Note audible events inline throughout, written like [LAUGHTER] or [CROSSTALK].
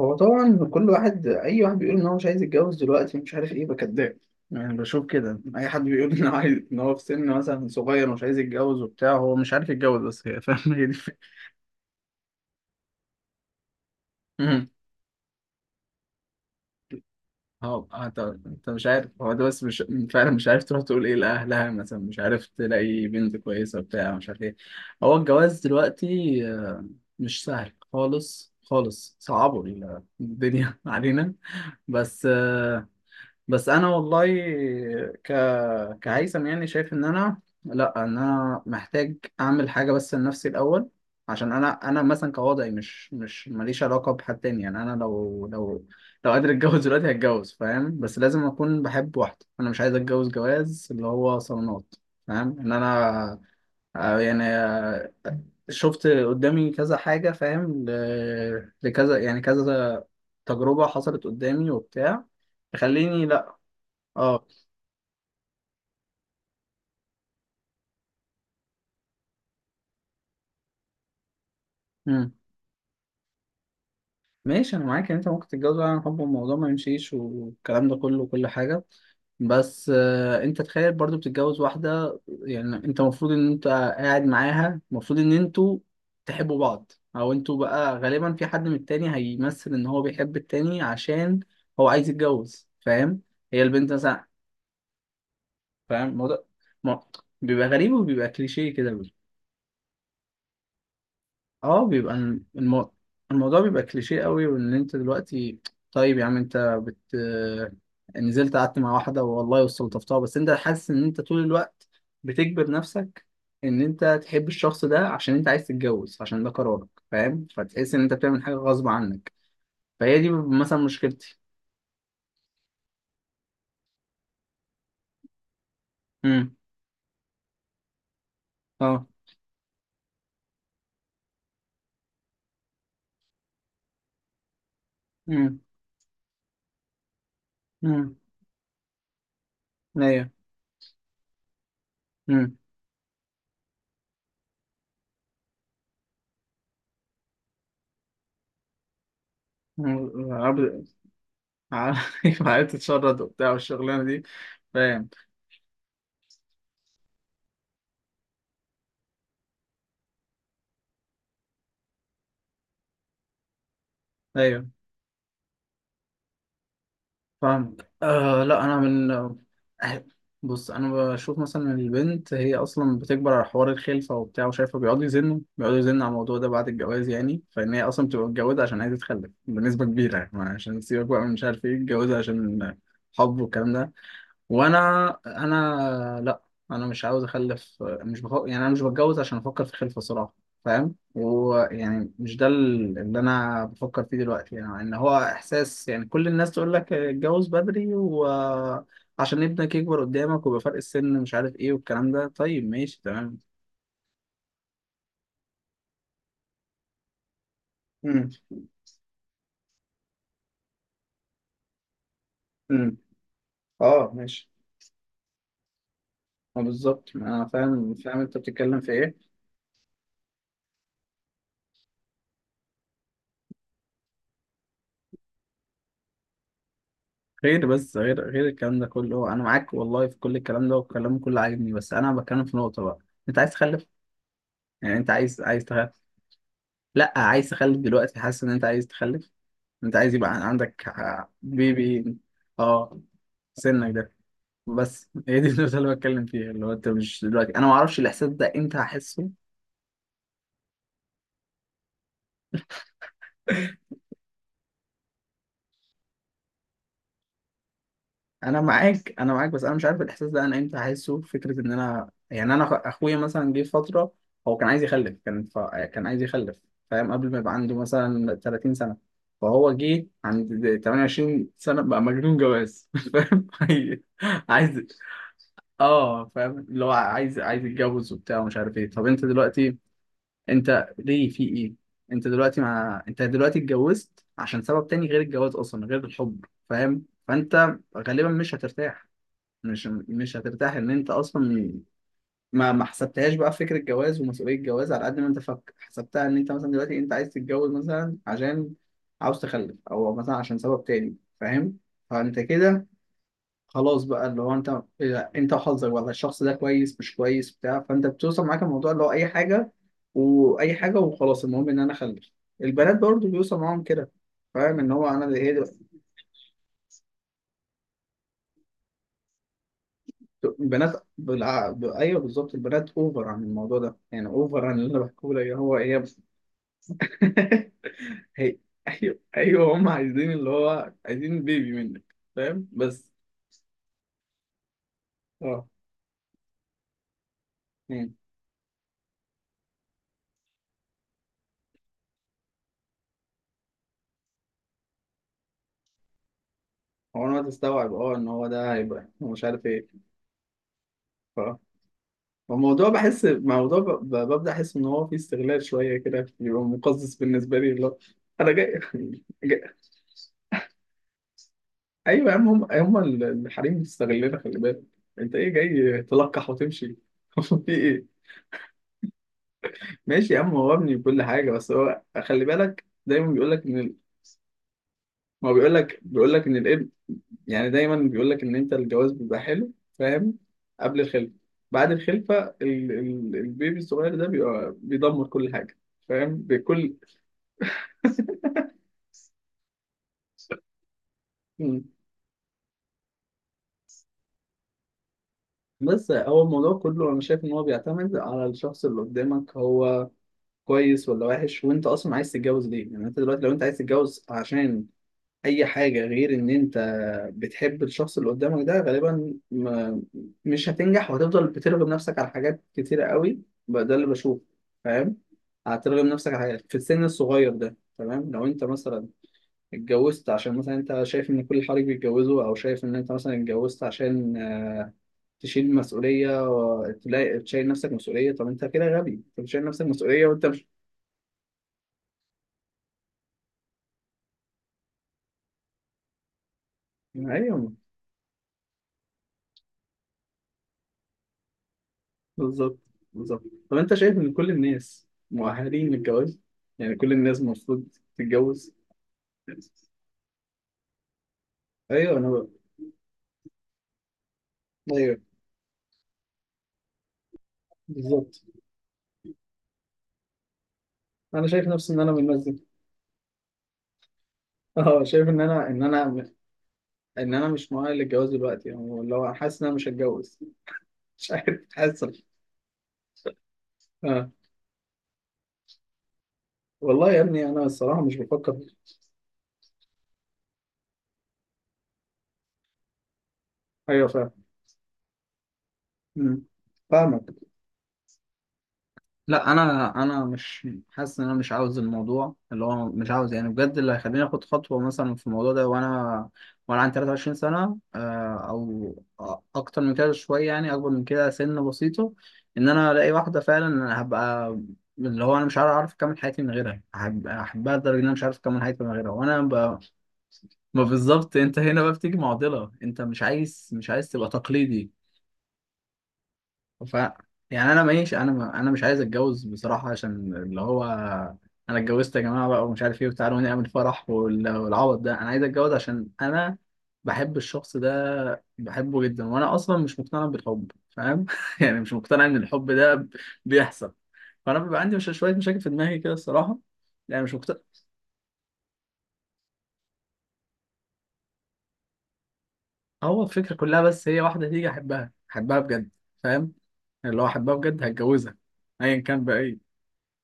هو طبعا كل واحد، اي واحد بيقول ان هو مش عايز يتجوز دلوقتي، مش عارف ايه، بكداب. يعني بشوف كده اي حد بيقول ان هو عايز، ان هو في سن مثلا صغير ومش عايز يتجوز وبتاع، هو مش عارف يتجوز، بس هي، فاهم، هي دي الفكرة. مم. انت مش عارف، هو ده بس، مش فعلا مش عارف تروح تقول ايه لاهلها مثلا، مش عارف تلاقي بنت كويسه بتاع مش عارف ايه. هو الجواز دلوقتي آه، مش سهل خالص، خالص صعبوا الدنيا [LAUGHS] علينا. بس آه، بس انا والله ك كهيثم يعني شايف ان انا، لا، ان انا محتاج اعمل حاجه بس لنفسي الاول. عشان انا مثلا كوضعي، مش ماليش علاقه بحد تاني. يعني انا لو قادر اتجوز دلوقتي هتجوز، فاهم، بس لازم اكون بحب واحده. انا مش عايز اتجوز جواز اللي هو صالونات. فاهم ان انا آه، يعني آه، شفت قدامي كذا حاجه، فاهم، لكذا، يعني كذا تجربه حصلت قدامي وبتاع، تخليني لا. اه. مم. ماشي، انا معاك ان انت ممكن تتجوز عن حب والموضوع ما يمشيش، والكلام ده كله وكل حاجه. بس آه، انت تخيل برضو بتتجوز واحده، يعني انت المفروض ان انت قاعد معاها، المفروض ان انتوا تحبوا بعض، او انتوا بقى غالبا في حد من التاني هيمثل ان هو بيحب التاني، عشان هو عايز يتجوز، فاهم، هي البنت مثلا. فاهم الموضوع. ما- بيبقى غريب وبيبقى كليشيه كده. اه بيبقى الموضوع بيبقى كليشيه قوي. وان انت دلوقتي، طيب يا عم، انت بت نزلت قعدت مع واحده والله واستلطفتها، بس انت حاسس ان انت طول الوقت بتجبر نفسك ان انت تحب الشخص ده، عشان انت عايز تتجوز، عشان ده قرارك، فاهم، فتحس ان انت بتعمل حاجه غصب عنك. فهي دي مثلا مشكلتي. امم. اه. امم. امم. ايوه. امم. عارف. [LAUGHS] عارف تتشرد وبتاع والشغلانه دي، فاهم. ايوه فاهمك. لا، انا من بص، انا بشوف مثلا البنت هي اصلا بتكبر على حوار الخلفه وبتاع، وشايفه بيقعدوا يزنوا، بيقعدوا يزنوا على الموضوع ده بعد الجواز، يعني فان هي اصلا بتبقى متجوزه عشان عايزه تخلف بنسبه كبيره، يعني عشان تسيبك بقى، من مش عارف ايه، متجوزه عشان حب والكلام ده. وانا، انا لا، انا مش عاوز اخلف، مش بفق... يعني انا مش بتجوز عشان افكر في الخلفه صراحه، فاهم. ويعني مش ده اللي انا بفكر فيه دلوقتي، يعني ان هو احساس، يعني كل الناس تقول لك اتجوز بدري، وعشان ابنك يكبر قدامك ويبقى فرق السن، مش عارف ايه والكلام ده، طيب ماشي تمام. امم. امم. اه ماشي. اه بالظبط، انا فاهم، فاهم انت بتتكلم في ايه. غير بس غير غير الكلام ده كله، انا معاك والله في كل الكلام ده، والكلام كله عاجبني، بس انا بتكلم في نقطه بقى. انت عايز تخلف، يعني انت عايز تخلف؟ لا، عايز تخلف دلوقتي، حاسس ان انت عايز تخلف، انت عايز يبقى عندك بيبي. اه في سنك ده. بس هي دي النقطه اللي بتكلم فيها، اللي هو انت مش دلوقتي، انا ما اعرفش الاحساس ده امتى هحسه. انا معاك بس انا مش عارف الاحساس ده انا امتى هحسه. فكره ان انا، يعني انا اخويا مثلا جه في فتره هو كان عايز يخلف، كان عايز يخلف، فاهم، قبل ما يبقى عنده مثلا 30 سنه، فهو جه عند 28 سنه بقى مجنون جواز [LAUGHS] فاهم، عايز- اه فاهم، اللي هو عايز يتجوز وبتاع، ومش عارف ايه. طب انت دلوقتي، انت ليه في ايه؟ انت دلوقتي، انت دلوقتي اتجوزت عشان سبب تاني غير الجواز، اصلا غير الحب، فاهم، فانت غالبا مش هترتاح، مش هترتاح ان انت اصلا ما حسبتهاش بقى في فكره الجواز ومسؤوليه الجواز، على قد ما انت فك حسبتها ان انت مثلا دلوقتي انت عايز تتجوز مثلا عشان عاوز تخلف، او مثلا عشان سبب تاني، فاهم. فانت كده خلاص بقى، اللي هو انت، إذا انت وحظك والله الشخص ده كويس مش كويس بتاع فانت بتوصل معاك الموضوع، اللي هو اي حاجه واي حاجه وخلاص، المهم ان انا اخلف. البنات برضو بيوصل معاهم كده، فاهم، ان هو انا هي بنات ايوه بالظبط، البنات اوفر عن الموضوع ده، يعني اوفر عن اللي انا بحكيه لك، هو هي [LAUGHS] بس. هي ايوه، ايوه، هم عايزين اللي هو، عايزين بيبي منك، فاهم، بس. اه يعني، هو انا هتستوعب اه ان هو ده هيبقى، مش عارف ايه. ف الموضوع بحس موضوع ببدأ احس ان هو فيه استغلال شويه كده، بيبقى مقزز بالنسبه لي، اللي هو انا جاي, [LAUGHS] جاي... ايوه يا عم، هم الحريم بيستغلنا خلي بالك، انت ايه؟ جاي تلقح وتمشي [LAUGHS] في ايه. ماشي يا عم، هو ابني كل حاجة، بس هو خلي بالك، دايما بيقول لك ان ما هو بيقول لك ان الابن، يعني دايما بيقول لك ان انت الجواز بيبقى حلو، فاهم، قبل الخلفة، بعد الخلفة البيبي الصغير ده بيبقى بيدمر كل حاجة، فاهم، بكل. مم. بس هو الموضوع كله انا شايف ان هو بيعتمد على الشخص اللي قدامك، هو كويس ولا وحش، وانت اصلا عايز تتجوز ليه. يعني انت دلوقتي لو انت عايز تتجوز عشان اي حاجة غير ان انت بتحب الشخص اللي قدامك ده، غالبا ما مش هتنجح، وهتفضل بترغم نفسك على حاجات كتيرة قوي بقى. ده اللي بشوفه، فاهم. هترغم نفسك على حاجات في السن الصغير ده. تمام، لو انت مثلا اتجوزت عشان مثلا انت شايف ان كل حريق بيتجوزوا، او شايف ان انت مثلا اتجوزت عشان تشيل مسؤولية تلاقي تشيل نفسك مسؤولية، طب انت كده غبي، انت بتشيل نفسك مسؤولية وانت مش، ايوه. بالظبط. بالظبط. طب انت شايف ان كل الناس مؤهلين للجواز؟ يعني كل الناس المفروض تتجوز؟ ايوه انا بقى. ايوه. بالظبط، انا شايف نفسي ان انا من الناس دي. اه شايف ان انا، ان انا مش مؤهل للجواز دلوقتي، يعني اللي هو حاسس ان انا مش هتجوز [LAUGHS] مش عارف، حاسس. اه والله يا ابني انا الصراحه مش بفكر. ايوه فاهم. مم. فاهمك. لا انا مش حاسس ان انا مش عاوز الموضوع، اللي هو مش عاوز، يعني بجد اللي هيخليني اخد خطوه مثلا في الموضوع ده، وانا عندي 23 سنه، او اكتر من كده شويه، يعني اكبر من كده سن بسيطه، ان انا الاقي واحده فعلا هبقى، اللي هو انا مش عارف اعرف اكمل حياتي من غيرها، احبها لدرجه ان انا مش عارف اكمل حياتي من غيرها، وانا ما بالظبط، انت هنا بقى بتيجي معضله، انت مش عايز، تبقى تقليدي. ف يعني انا ماشي، انا مش عايز اتجوز بصراحه عشان اللي هو، انا اتجوزت يا جماعه بقى ومش عارف ايه، وتعالوا نعمل فرح والعوض ده. انا عايز اتجوز عشان انا بحب الشخص ده، بحبه جدا، وانا اصلا مش مقتنع بالحب، فاهم [LAUGHS] يعني مش مقتنع ان الحب ده بيحصل. فانا بيبقى عندي مش شويه مشاكل في دماغي كده الصراحه، يعني مش مقتنع. هو الفكره كلها بس هي، واحده تيجي احبها، احبها بجد، فاهم، اللي هو احبها بجد هتجوزها، ايا كان بقى إيه.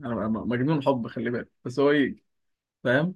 انا بقى مجنون حب خلي بالك، بس هو ايه، فاهم.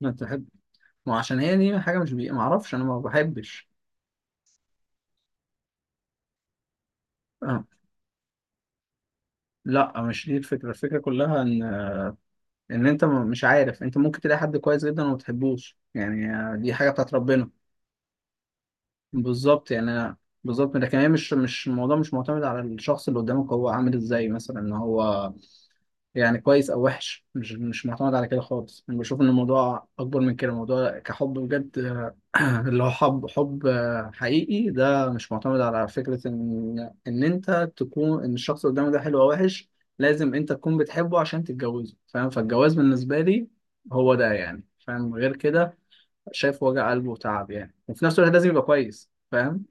ما تحب. ما عشان هي دي حاجه مش ما اعرفش، انا ما بحبش. آه. لا مش دي الفكره، الفكره كلها ان، ان انت مش عارف، انت ممكن تلاقي حد كويس جدا وما تحبوش، يعني دي حاجه بتاعت ربنا. بالظبط، يعني بالظبط، لكن هي مش، الموضوع مش معتمد على الشخص اللي قدامك هو عامل ازاي، مثلا ان هو يعني كويس او وحش، مش معتمد على كده خالص. انا بشوف ان الموضوع اكبر من كده، الموضوع كحب بجد، [CLEARS THROAT] اللي هو حب، حب حقيقي، ده مش معتمد على فكرة إن أنت تكون، إن الشخص اللي قدامك ده حلو أو وحش، لازم أنت تكون بتحبه عشان تتجوزه، فاهم. فالجواز بالنسبة لي هو ده يعني، فاهم، غير كده شايف وجع قلبه وتعب، يعني وفي نفس الوقت لازم يبقى كويس، فاهم.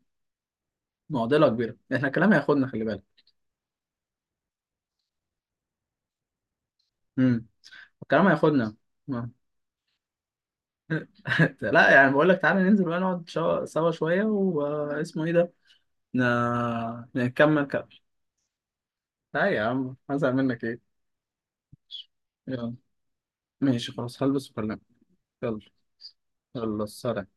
معضلة كبيرة، إحنا الكلام هياخدنا خلي بالك. امم. الكلام هياخدنا. آه. [LAUGHS] لا يعني بقول لك تعالى ننزل بقى، نقعد سوا شوية، واسمه إيه ده، نكمل كلام. لا يا عم، هزعل منك إيه. يلا. ماشي خلاص، هلبس وكلمك. يلا. يلا سلام.